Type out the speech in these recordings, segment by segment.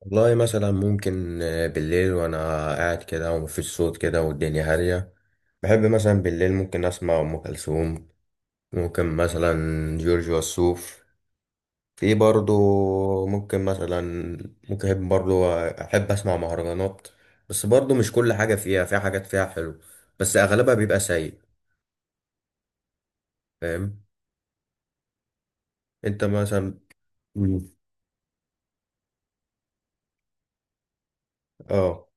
والله مثلا ممكن بالليل وانا قاعد كده ومفيش صوت كده والدنيا هادية. بحب مثلا بالليل ممكن اسمع ام كلثوم، ممكن مثلا جورج وسوف، في برضو. ممكن مثلا ممكن احب برضو احب اسمع مهرجانات، بس برضو مش كل حاجة فيها، في حاجات فيها حلو بس اغلبها بيبقى سيء. فاهم. انت مثلا. مم. اه،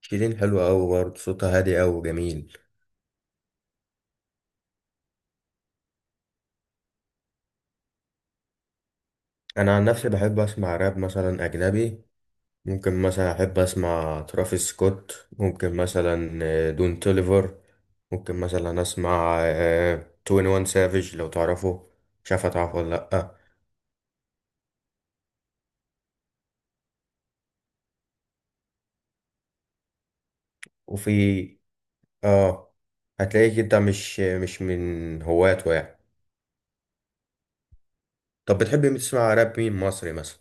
شيرين حلوة أوي برضه، صوتها هادي أوي وجميل. أنا عن نفسي بحب أسمع راب مثلا أجنبي، ممكن مثلا أحب أسمع ترافيس سكوت، ممكن مثلا دون توليفر، ممكن مثلا أسمع توين وان سافيج لو تعرفه. مش عارف هتعرفه ولا لأ. وفي آه، هتلاقيك أنت مش من هواته يعني. طب بتحب تسمع راب مين مصري مثلا؟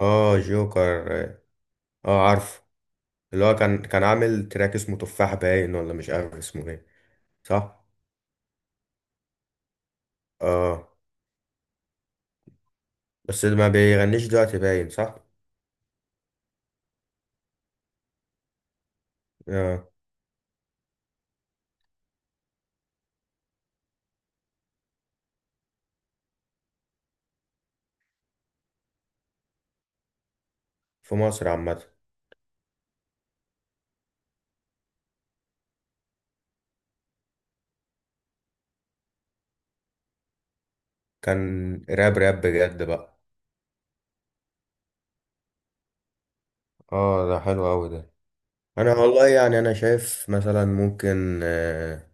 آه جوكر، آه عارف. اللي هو كان عامل تراك اسمه تفاح باين، ولا مش عارف اسمه ايه صح؟ آه. بس ما بيغنيش دلوقتي باين صح؟ آه. في مصر عامة. كان راب راب بجد بقى. اه ده حلو قوي ده. انا والله يعني انا شايف مثلا ممكن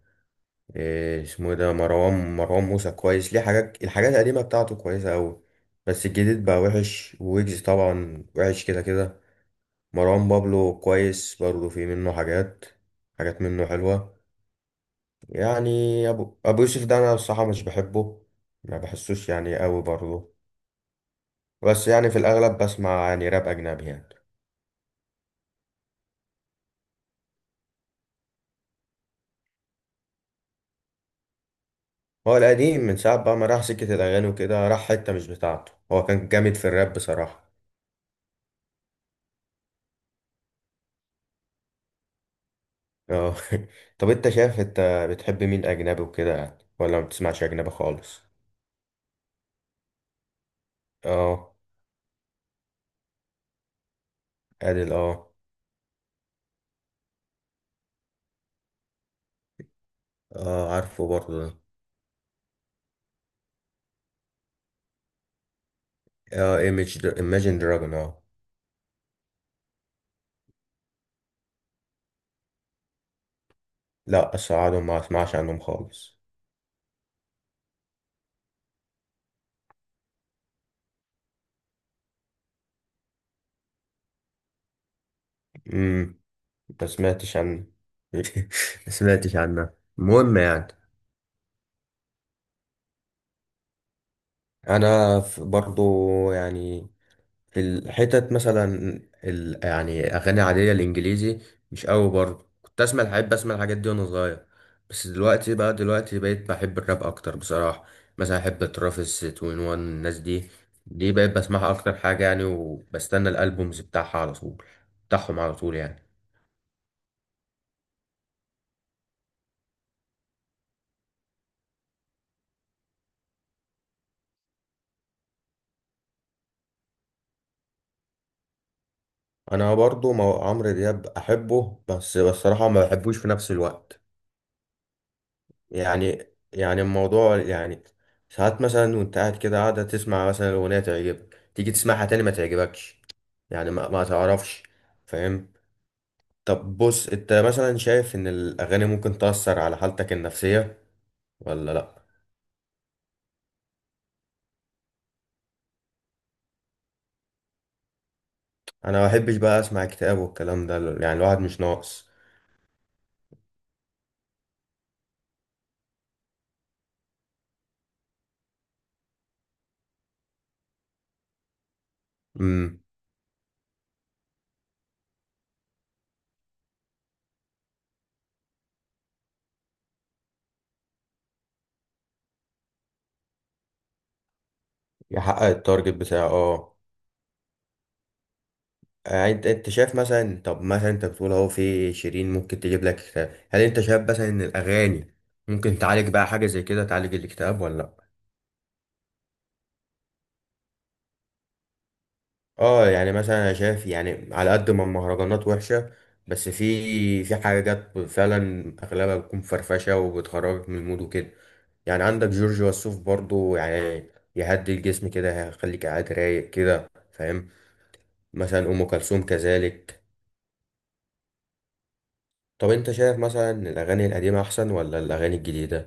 إيه اسمه إيه ده، مروان موسى كويس. ليه الحاجات القديمه بتاعته كويسه قوي. بس الجديد بقى وحش، ويجز طبعا وحش كده كده. مروان بابلو كويس برضه، في منه حاجات، حاجات منه حلوه. يعني ابو يوسف ده انا الصراحه مش بحبه. ما بحسوش يعني قوي برضه. بس يعني في الاغلب بسمع يعني راب اجنبي يعني. هو القديم من ساعة بقى ما راح سكة الأغاني وكده، راح حتة مش بتاعته. هو كان جامد في الراب بصراحة. اه. طب انت شايف، انت بتحب مين أجنبي وكده يعني، ولا ما بتسمعش أجنبي خالص؟ اه. أديل اه. اه عارفه برضه ده. اه، ايماجين دراجون اه. لا أسعدهم، ما أسمعش عنهم خالص. امم ما سمعتش عنه. ما سمعتش عنه. المهم يعني. أنا برضه يعني، الحتت مثلا، يعني اغاني عاديه الانجليزي مش قوي برضه. كنت اسمع بحب اسمع الحاجات دي وانا صغير. بس دلوقتي بقيت بحب الراب اكتر بصراحه. مثلا احب ترافيس 21، الناس دي بقيت بسمعها اكتر حاجه يعني، وبستنى الالبومز بتاعها على طول بتاعهم على طول يعني. انا برضه عمرو دياب احبه، بس بصراحه ما بحبوش في نفس الوقت. يعني الموضوع يعني. ساعات مثلا، وانت قاعدة تسمع مثلا أغنية تعجبك، تيجي تسمعها تاني ما تعجبكش. يعني ما تعرفش. فاهم. طب بص، انت مثلا شايف ان الأغاني ممكن تأثر على حالتك النفسية، ولا لأ؟ انا ما بحبش بقى اسمع اكتئاب والكلام ده، يعني الواحد مش ناقص. امم. يحقق التارجت بتاعه اه. انت شايف مثلا، طب انت بتقول اهو في شيرين ممكن تجيب لك اكتئاب، هل انت شايف مثلا ان الاغاني ممكن تعالج بقى حاجه زي كده، تعالج الاكتئاب ولا لا؟ اه يعني مثلا انا شايف يعني، على قد ما المهرجانات وحشه، بس في حاجات فعلا اغلبها بتكون فرفشه وبتخرجك من المود وكده. يعني عندك جورج وسوف برضو يعني، يهدي الجسم كده، هيخليك قاعد رايق كده. فاهم. مثلا ام كلثوم كذلك. طب انت شايف مثلا ان الاغاني القديمه احسن ولا الاغاني الجديده؟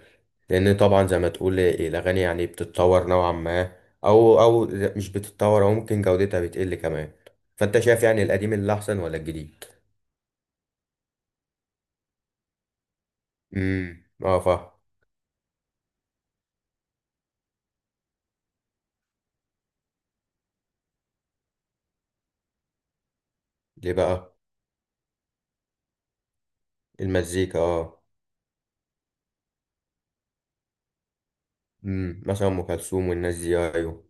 لان طبعا زي ما تقول الاغاني يعني بتتطور نوعا ما، او مش بتتطور، او ممكن جودتها بتقل كمان. فانت شايف يعني القديم اللي احسن ولا الجديد؟ امم، اه فاهم. ليه بقى؟ المزيكا اه. امم، مثلا ام كلثوم والناس دي ايوه.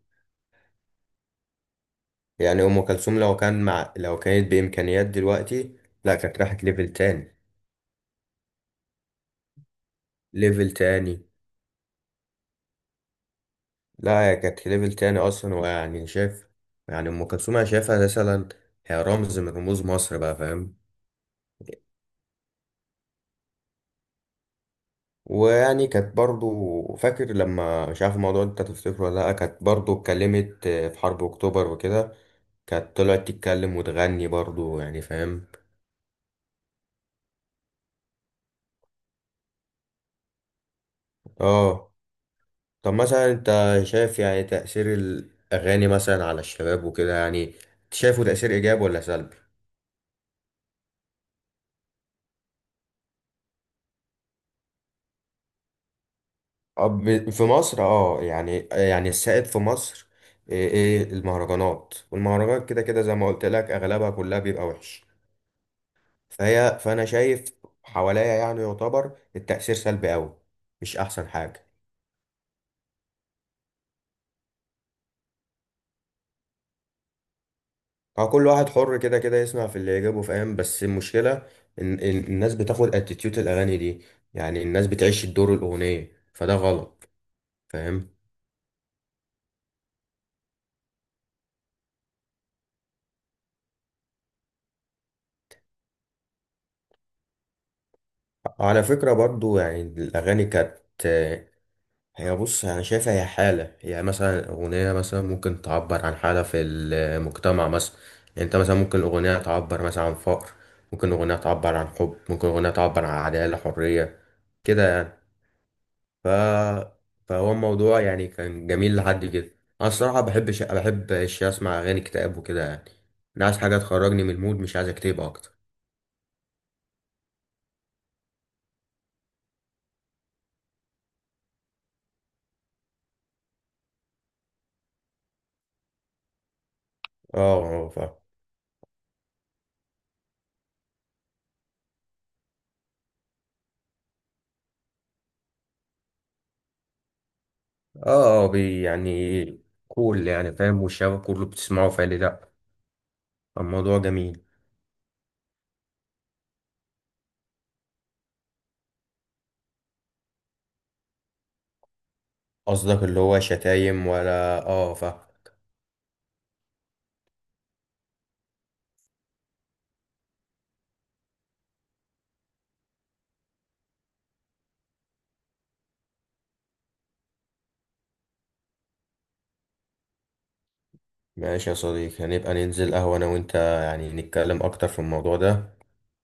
يعني ام كلثوم، لو كانت بامكانيات دلوقتي، لا كانت راحت ليفل تاني. ليفل تاني. لا، هي كانت ليفل تاني اصلا، ويعني شايف، يعني ام كلثوم انا شايفها مثلا هي رمز من رموز مصر بقى. فاهم. ويعني كانت برضو، فاكر لما مش عارف، الموضوع انت تفتكره ولا لا، كانت برضو اتكلمت في حرب اكتوبر وكده. كانت طلعت تتكلم وتغني برضو يعني. فاهم اه. طب مثلا انت شايف يعني تأثير الاغاني مثلا على الشباب وكده يعني، شايفه تأثير ايجابي ولا سلبي؟ في مصر اه يعني، يعني السائد في مصر ايه، المهرجانات. والمهرجانات كده كده زي ما قلت لك اغلبها كلها بيبقى وحش. فانا شايف حواليا يعني، يعتبر التأثير سلبي قوي. مش احسن حاجة. هو كل واحد حر كده كده يسمع في اللي يجيبه فاهم، بس المشكلة إن الناس بتاخد اتيتيود الاغاني دي، يعني الناس بتعيش الدور الاغنية فده غلط. فاهم. على فكرة برضو يعني الاغاني كانت هي، بص انا شايفها هي حاله، هي مثلا اغنيه مثلا ممكن تعبر عن حاله في المجتمع مثلا. يعني انت مثلا ممكن اغنيه تعبر مثلا عن فقر، ممكن اغنيه تعبر عن حب، ممكن اغنيه تعبر عن عداله حريه، كده يعني. ف فهو الموضوع يعني كان جميل لحد كده. انا الصراحه بحب اسمع اغاني اكتئاب وكده يعني. انا عايز حاجه تخرجني من المود مش عايز اكتئب اكتر. اه اه فاهم. اه اه، يعني كول يعني، فاهم، والشباب كله بتسمعه فقال لي لا. الموضوع جميل. قصدك اللي هو شتايم ولا اه فاهم. ماشي يا صديقي، هنبقى ننزل قهوة أنا وأنت، يعني نتكلم أكتر في الموضوع ده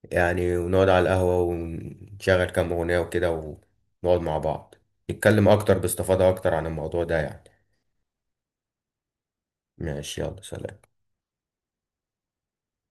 يعني، ونقعد على القهوة، ونشغل كام أغنية وكده، ونقعد مع بعض، نتكلم أكتر باستفاضة أكتر عن الموضوع ده يعني. ماشي يلا سلام.